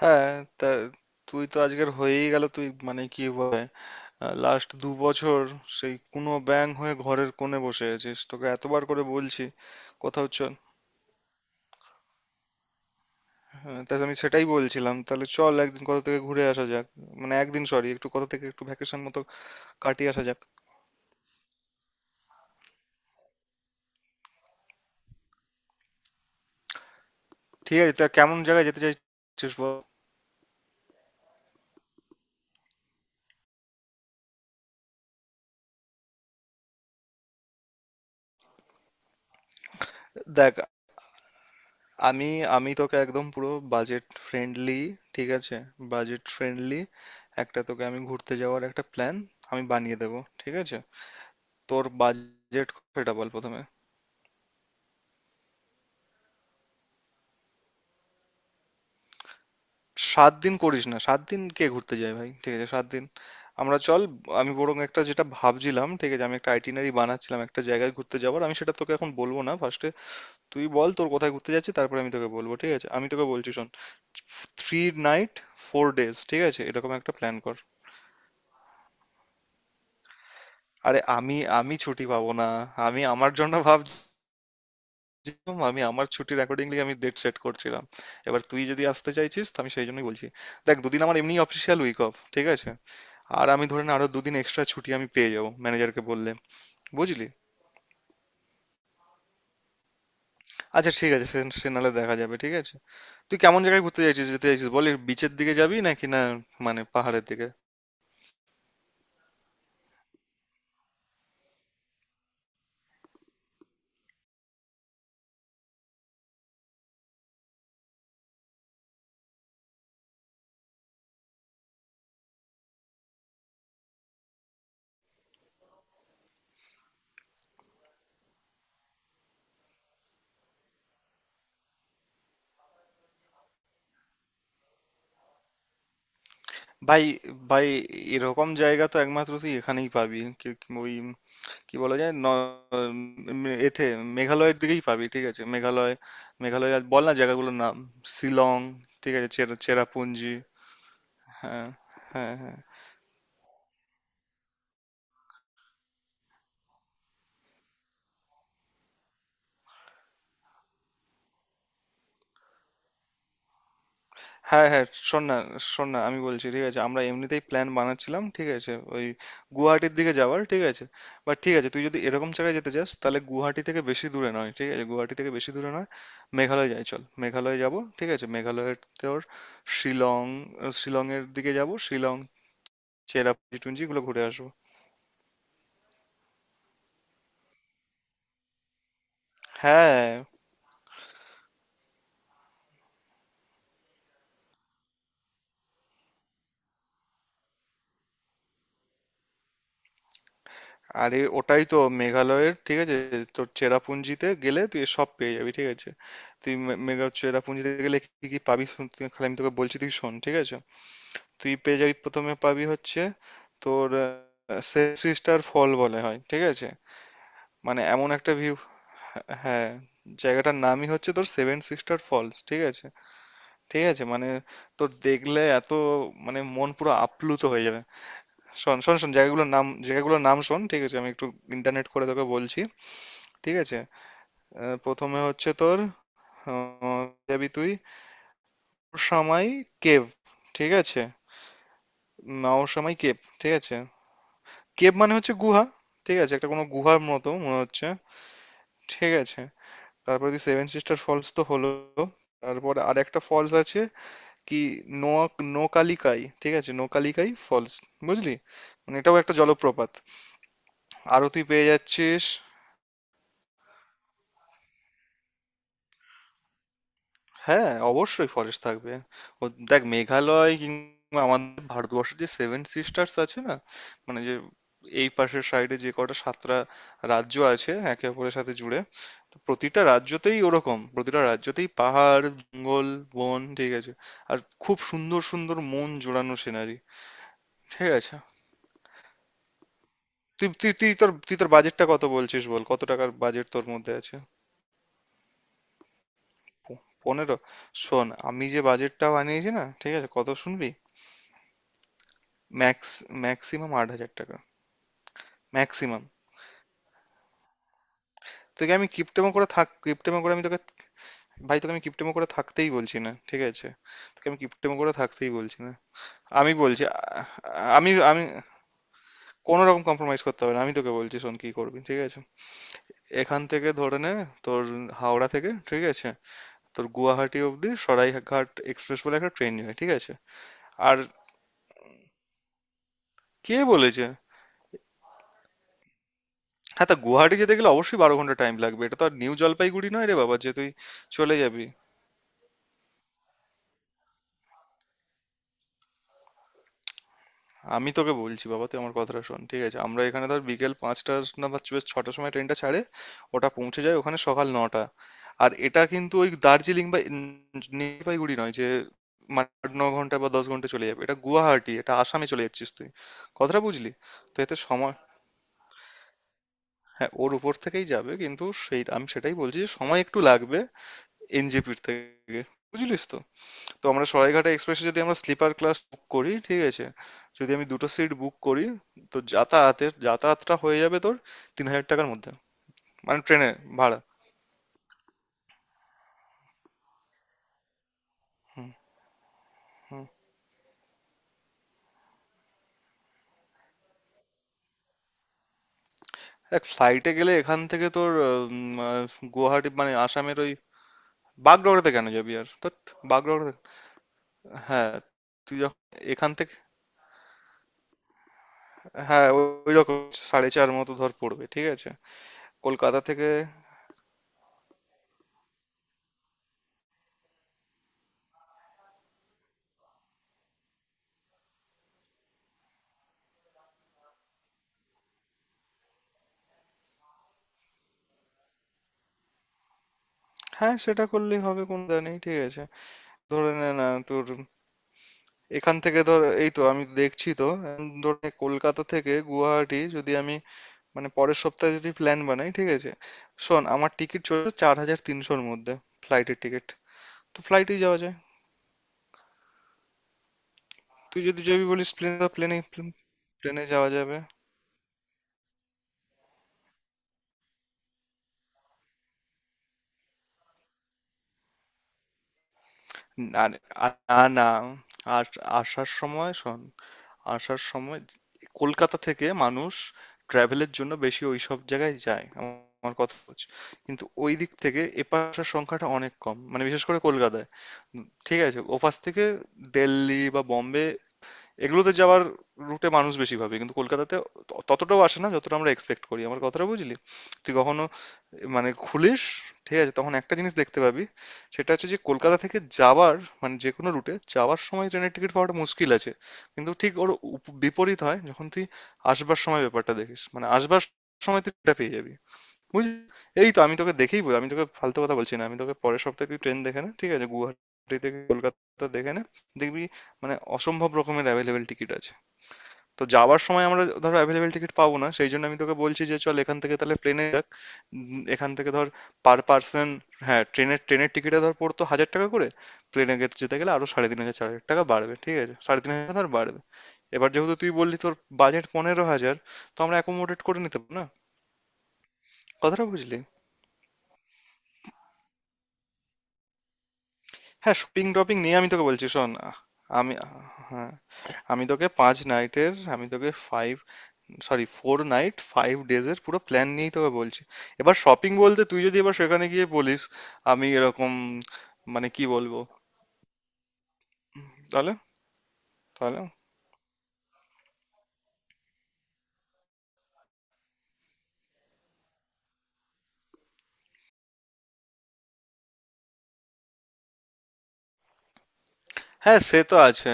হ্যাঁ, তা তুই তো আজকের হয়েই গেল তুই মানে কি বলে লাস্ট 2 বছর সেই কুনো ব্যাঙ হয়ে ঘরের কোণে বসে আছিস, তোকে এতবার করে বলছি কোথাও চল। হ্যাঁ, তা আমি সেটাই বলছিলাম, তাহলে চল একদিন কোথা থেকে ঘুরে আসা যাক। মানে একদিন সরি একটু কোথা থেকে একটু ভ্যাকেশন মতো কাটিয়ে আসা যাক। ঠিক আছে, তা কেমন জায়গায় যেতে চাইছিস বল। দেখ, আমি আমি তোকে একদম পুরো বাজেট ফ্রেন্ডলি, ঠিক আছে, বাজেট ফ্রেন্ডলি একটা তোকে আমি ঘুরতে যাওয়ার একটা প্ল্যান আমি বানিয়ে দেবো, ঠিক আছে। তোর বাজেট, সেটা বল প্রথমে। সাত দিন করিস না, 7 দিন কে ঘুরতে যায় ভাই, ঠিক আছে, সাত দিন আমরা চল, আমি বরং একটা যেটা ভাবছিলাম ঠিক আছে, আমি একটা আইটিনারি বানাচ্ছিলাম একটা জায়গায় ঘুরতে যাওয়ার, আমি সেটা তোকে এখন বলবো না ফার্স্টে, তুই বল তোর কোথায় ঘুরতে যাচ্ছিস, তারপরে আমি তোকে বলবো, ঠিক আছে আমি তোকে বলছি শোন। থ্রি নাইট ফোর ডেজ, ঠিক আছে, এরকম একটা প্ল্যান কর। আরে আমি আমি ছুটি পাবো না, আমি আমার জন্য ভাব, যেরকম আমি আমার ছুটির অ্যাকর্ডিংলি আমি ডেট সেট করছিলাম, এবার তুই যদি আসতে চাইছিস তো আমি সেই জন্যই বলছি। দেখ, 2 দিন আমার এমনি অফিসিয়াল উইক অফ, ঠিক আছে। আর আমি ধরে না আরো 2 দিন এক্সট্রা ছুটি আমি পেয়ে যাবো ম্যানেজারকে বললে, বুঝলি। আচ্ছা ঠিক আছে, সে সে নাহলে দেখা যাবে ঠিক আছে। তুই কেমন জায়গায় ঘুরতে চাইছিস, যেতে চাইছিস বলি, বিচের দিকে যাবি নাকি না, মানে পাহাড়ের দিকে। ভাই ভাই এরকম জায়গা তো একমাত্র তুই এখানেই পাবি, কি- ওই কি বলা যায় ন উম, এতে মেঘালয়ের দিকেই পাবি, ঠিক আছে, মেঘালয়, মেঘালয়। আর বল না জায়গাগুলোর নাম, শিলং, ঠিক আছে, চেরাপুঞ্জি। হ্যাঁ, হ্যাঁ হ্যাঁ হ্যাঁ হ্যাঁ শোন না, আমি বলছি ঠিক আছে, আমরা এমনিতেই প্ল্যান বানাচ্ছিলাম, ঠিক আছে, ওই গুয়াহাটির দিকে যাওয়ার, ঠিক আছে। বাট ঠিক আছে, তুই যদি এরকম জায়গায় যেতে চাস তাহলে গুয়াহাটি থেকে বেশি দূরে নয়, ঠিক আছে, গুয়াহাটি থেকে বেশি দূরে নয় মেঘালয়, যাই চল মেঘালয় যাব। ঠিক আছে মেঘালয়ের, তোর শিলং, শিলংয়ের দিকে যাব, শিলং, চেরাপুঞ্জি টুঞ্জি এগুলো ঘুরে আসবো। হ্যাঁ, আরে ওটাই তো মেঘালয়ের, ঠিক আছে, তোর চেরাপুঞ্জিতে গেলে তুই সব পেয়ে যাবি, ঠিক আছে। তুই মে- মেঘা চেরাপুঞ্জিতে গেলে কি কি পাবি শুন খালি আমি তোকে বলছি তুই শোন, ঠিক আছে। তুই পেয়ে যাবি প্রথমে, পাবি হচ্ছে তোর সিস্টার ফল বলে হয়, ঠিক আছে। মানে এমন একটা ভিউ, হ্যাঁ, হ্যাঁ, জায়গাটার নামই হচ্ছে তোর সেভেন সিস্টার ফলস, ঠিক আছে। ঠিক আছে মানে, তোর দেখলে এত, মানে মন পুরো আপ্লুত হয়ে যাবে। শোন শোন শোন জায়গাগুলোর নাম শোন, ঠিক আছে আমি একটু ইন্টারনেট করে তোকে বলছি, ঠিক আছে। প্রথমে হচ্ছে তোর, আহ, যাবি তুই নওশামাই কেভ, ঠিক আছে, নওশামাই কেভ, ঠিক আছে, কেভ মানে হচ্ছে গুহা, ঠিক আছে, একটা কোনো গুহার মতো মনে হচ্ছে, ঠিক আছে। তারপরে তুই সেভেন সিস্টার ফলস তো হলো, তারপরে আর একটা ফলস আছে, কি, নোয়া নোকালিকাই, ঠিক আছে নোকালিকাই ফলস, বুঝলি, মানে এটাও একটা জলপ্রপাত। আরো তুই পেয়ে যাচ্ছিস। হ্যাঁ, অবশ্যই ফরেস্ট থাকবে। ও দেখ, মেঘালয় কিংবা আমাদের ভারতবর্ষের যে সেভেন সিস্টার্স আছে না? মানে যে এই পাশের সাইডে যে কটা 7টা রাজ্য আছে একে অপরের সাথে জুড়ে, তো প্রতিটা রাজ্যতেই ওরকম, প্রতিটা রাজ্যতেই পাহাড়, জঙ্গল, বন, ঠিক আছে। আর খুব সুন্দর সুন্দর মন জোড়ানো সিনারি, ঠিক আছে। তুই তুই তুই তোর তুই তোর বাজেটটা কত বলছিস বল? কত টাকার বাজেট তোর মধ্যে আছে? পনেরো? শোন, আমি যে বাজেটটা বানিয়েছি না, ঠিক আছে? কত শুনবি? ম্যাক্স, ম্যাক্সিমাম 8,000 টাকা, ম্যাক্সিমাম। তোকে আমি কিপটেমো করে থাক, কিপটেমো করে আমি তোকে, ভাই তোকে আমি কিপটেমো করে থাকতেই বলছি না, ঠিক আছে, তোকে আমি কিপটেমো করে থাকতেই বলছি না। আমি বলছি আ- আমি আমি কোনো রকম কম্প্রোমাইজ করতে হবে না, আমি তোকে বলছি শোন কি করবি, ঠিক আছে। এখান থেকে ধরে নে, তোর হাওড়া থেকে, ঠিক আছে, তোর গুয়াহাটি অবধি সরাইঘাট এক্সপ্রেস বলে একটা ট্রেন যায়, ঠিক আছে। আর কে বলেছে? হ্যাঁ, তা গুয়াহাটি যেতে গেলে অবশ্যই 12 ঘন্টা টাইম লাগবে, এটা তো আর নিউ জলপাইগুড়ি নয় রে বাবা যে তুই চলে যাবি। আমি তোকে বলছি বাবা, তুই আমার কথাটা শোন ঠিক আছে, আমরা এখানে ধর বিকেল 5টা না, বা বেশ 6টার সময় ট্রেনটা ছাড়ে, ওটা পৌঁছে যায় ওখানে সকাল 9টা, আর এটা কিন্তু ওই দার্জিলিং বা জলপাইগুড়ি নয় যে মানে 8-9 ঘন্টা বা 10 ঘন্টা চলে যাবে, এটা গুয়াহাটি, এটা আসামে চলে যাচ্ছিস তুই, কথাটা বুঝলি। তো এতে সময়, হ্যাঁ ওর উপর থেকেই যাবে কিন্তু সেই আমি সেটাই বলছি যে সময় একটু লাগবে NJP-র থেকে, বুঝলিস তো। তো আমরা সরাইঘাটা এক্সপ্রেসে যদি আমরা স্লিপার ক্লাস বুক করি, ঠিক আছে, যদি আমি 2টো সিট বুক করি, তো যাতায়াতের, যাতায়াতটা হয়ে যাবে তোর 3,000 টাকার মধ্যে, মানে ট্রেনে ভাড়া। হুম, হুম, এক ফ্লাইটে গেলে এখান থেকে তোর, উম, আহ, গুয়াহাটি মানে আসামের ওই, বাগডোগরাতে কেন যাবি আর তো, বাগডোগরা। হ্যাঁ, তুই যখন এখান থেকে, হ্যাঁ ওই রকম 4.5 মতো ধর পড়বে, ঠিক আছে, কলকাতা থেকে। হ্যাঁ সেটা করলেই হবে, কোনো দা নেই, ঠিক আছে। ধরে নে না তোর, এখান থেকে ধর এই তো আমি দেখছি তো এখন ধর, কলকাতা থেকে গুয়াহাটি যদি আমি মানে পরের সপ্তাহে যদি প্ল্যান বানাই, ঠিক আছে। শোন, আমার টিকিট চলে 4,300-র মধ্যে, ফ্লাইটের টিকিট, তো ফ্লাইটেই যাওয়া যায়। তুই যদি যাবি বলিস, প্লেনে প্লেনে প্লেনে যাওয়া যাবে। আর আর- না না আর আসার সময় শোন, আসার সময় কলকাতা থেকে মানুষ ট্রাভেলের জন্য বেশি ওইসব জায়গায় যায়, আমার কথা হচ্ছে, কিন্তু ওই দিক থেকে এপার আসার সংখ্যাটা অনেক কম, মানে বিশেষ করে কলকাতায়, ঠিক আছে। ওপাশ থেকে দিল্লি বা বোম্বে এগুলোতে যাওয়ার রুটে মানুষ বেশি ভাবে, কিন্তু কলকাতাতে ততটাও আসে না যতটা আমরা এক্সপেক্ট করি, আমার কথাটা বুঝলি। তুই কখনো মানে খুলিস, ঠিক আছে, তখন একটা জিনিস দেখতে পাবি, সেটা হচ্ছে যে কলকাতা থেকে যাওয়ার মানে যে কোনো রুটে যাওয়ার সময় ট্রেনের টিকিট পাওয়াটা মুশকিল আছে, কিন্তু ঠিক ওর বিপরীত হয় যখন তুই আসবার সময় ব্যাপারটা দেখিস, মানে আসবার সময় তুই এটা পেয়ে যাবি, বুঝলি। এই তো আমি তোকে দেখেই বল, আমি তোকে ফালতু কথা বলছি না, আমি তোকে পরের সপ্তাহে তুই ট্রেন দেখে নে, ঠিক আছে, গুয়াহাটি থেকে কলকাতা দেখে নে, দেখবি মানে অসম্ভব রকমের অ্যাভেলেবেল টিকিট আছে। তো যাওয়ার সময় আমরা ধর অ্যাভেলেবেল টিকিট পাবো না, সেই জন্য আমি তোকে বলছি যে চল এখান থেকে তাহলে প্লেনে যাক। এখান থেকে ধর পার পার্সন, হ্যাঁ ট্রেনের ট্রেনের টিকিটে ধর পড়তো হাজার টাকা করে, প্লেনে যেতে গেলে আরো 3,500 4,000 টাকা বাড়বে, ঠিক আছে, 3,500 ধর বাড়বে। এবার যেহেতু তুই বললি তোর বাজেট 15,000, তো আমরা অ্যাকোমোডেট করে নিতে পারবো না, কথাটা বুঝলি। হ্যাঁ, শপিং টপিং নিয়ে আমি তোকে বলছি শোন, আমি, হ্যাঁ, আমি তোকে পাঁচ নাইটের, আমি তোকে five, sorry, four night five ডেজের পুরো প্ল্যান নিয়েই তোকে বলছি। এবার শপিং বলতে তুই যদি এবার সেখানে গিয়ে বলিস আমি এরকম, মানে কি বলবো তাহলে, তাহলে। হ্যাঁ সে তো আছে,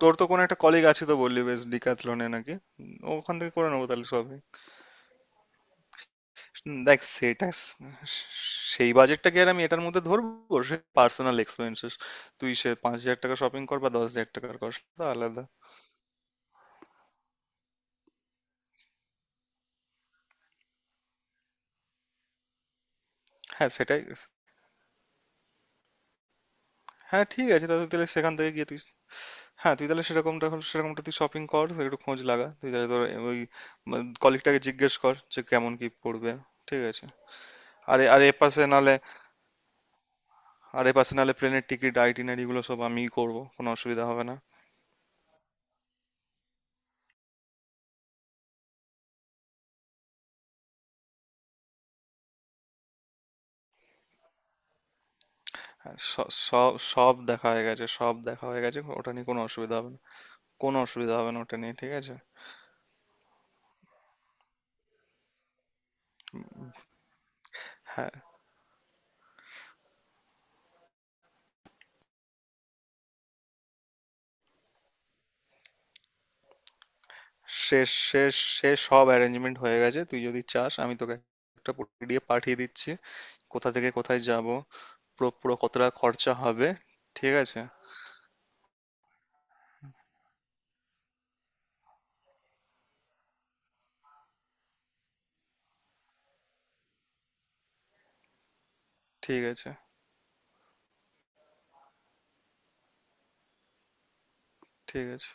তোর তো কোনো একটা কলিগ আছে তো বললি, বেশ ডিক্যাথলনে নাকি, উম, ওখান থেকে করে নেবো তাহলে সব। হুম, দেখ সেটা সেই বাজেটটা কি আর আমি এটার মধ্যে ধরবো, সে পার্সোনাল এক্সপেন্সেস, তুই সে 5,000 টাকা শপিং কর বা 10,000 টাকার কর সেটা আলাদা। হ্যাঁ সেটাই, হ্যাঁ ঠিক আছে, তাহলে তাহলে সেখান থেকে গিয়ে তুই, হ্যাঁ তুই তাহলে সেরকমটা হলে সেরকমটা তুই শপিং কর, তুই একটু খোঁজ লাগা, তুই তাহলে তোর ওই কলিগটাকে জিজ্ঞেস কর যে কেমন কি পড়বে, ঠিক আছে। আরে আরে এপাশে নালে, আর এপাশে নালে প্লেনের টিকিট আইটিনারি গুলো সব আমিই করব, কোনো অসুবিধা হবে না। হ্যাঁ, সব সব দেখা হয়ে গেছে, সব দেখা হয়ে গেছে, ওটা নিয়ে কোনো অসুবিধা হবে না। কোনো অসুবিধা হবে না ওটা নিয়ে, ঠিক আছে। হ্যাঁ শেষ শেষ শেষ সব অ্যারেঞ্জমেন্ট হয়ে গেছে, তুই যদি চাস আমি তোকে একটা PDF পাঠিয়ে দিচ্ছি, কোথা থেকে কোথায় যাব, পুরো পুরো কতটা খরচা হবে, ঠিক আছে, ঠিক আছে, ঠিক আছে।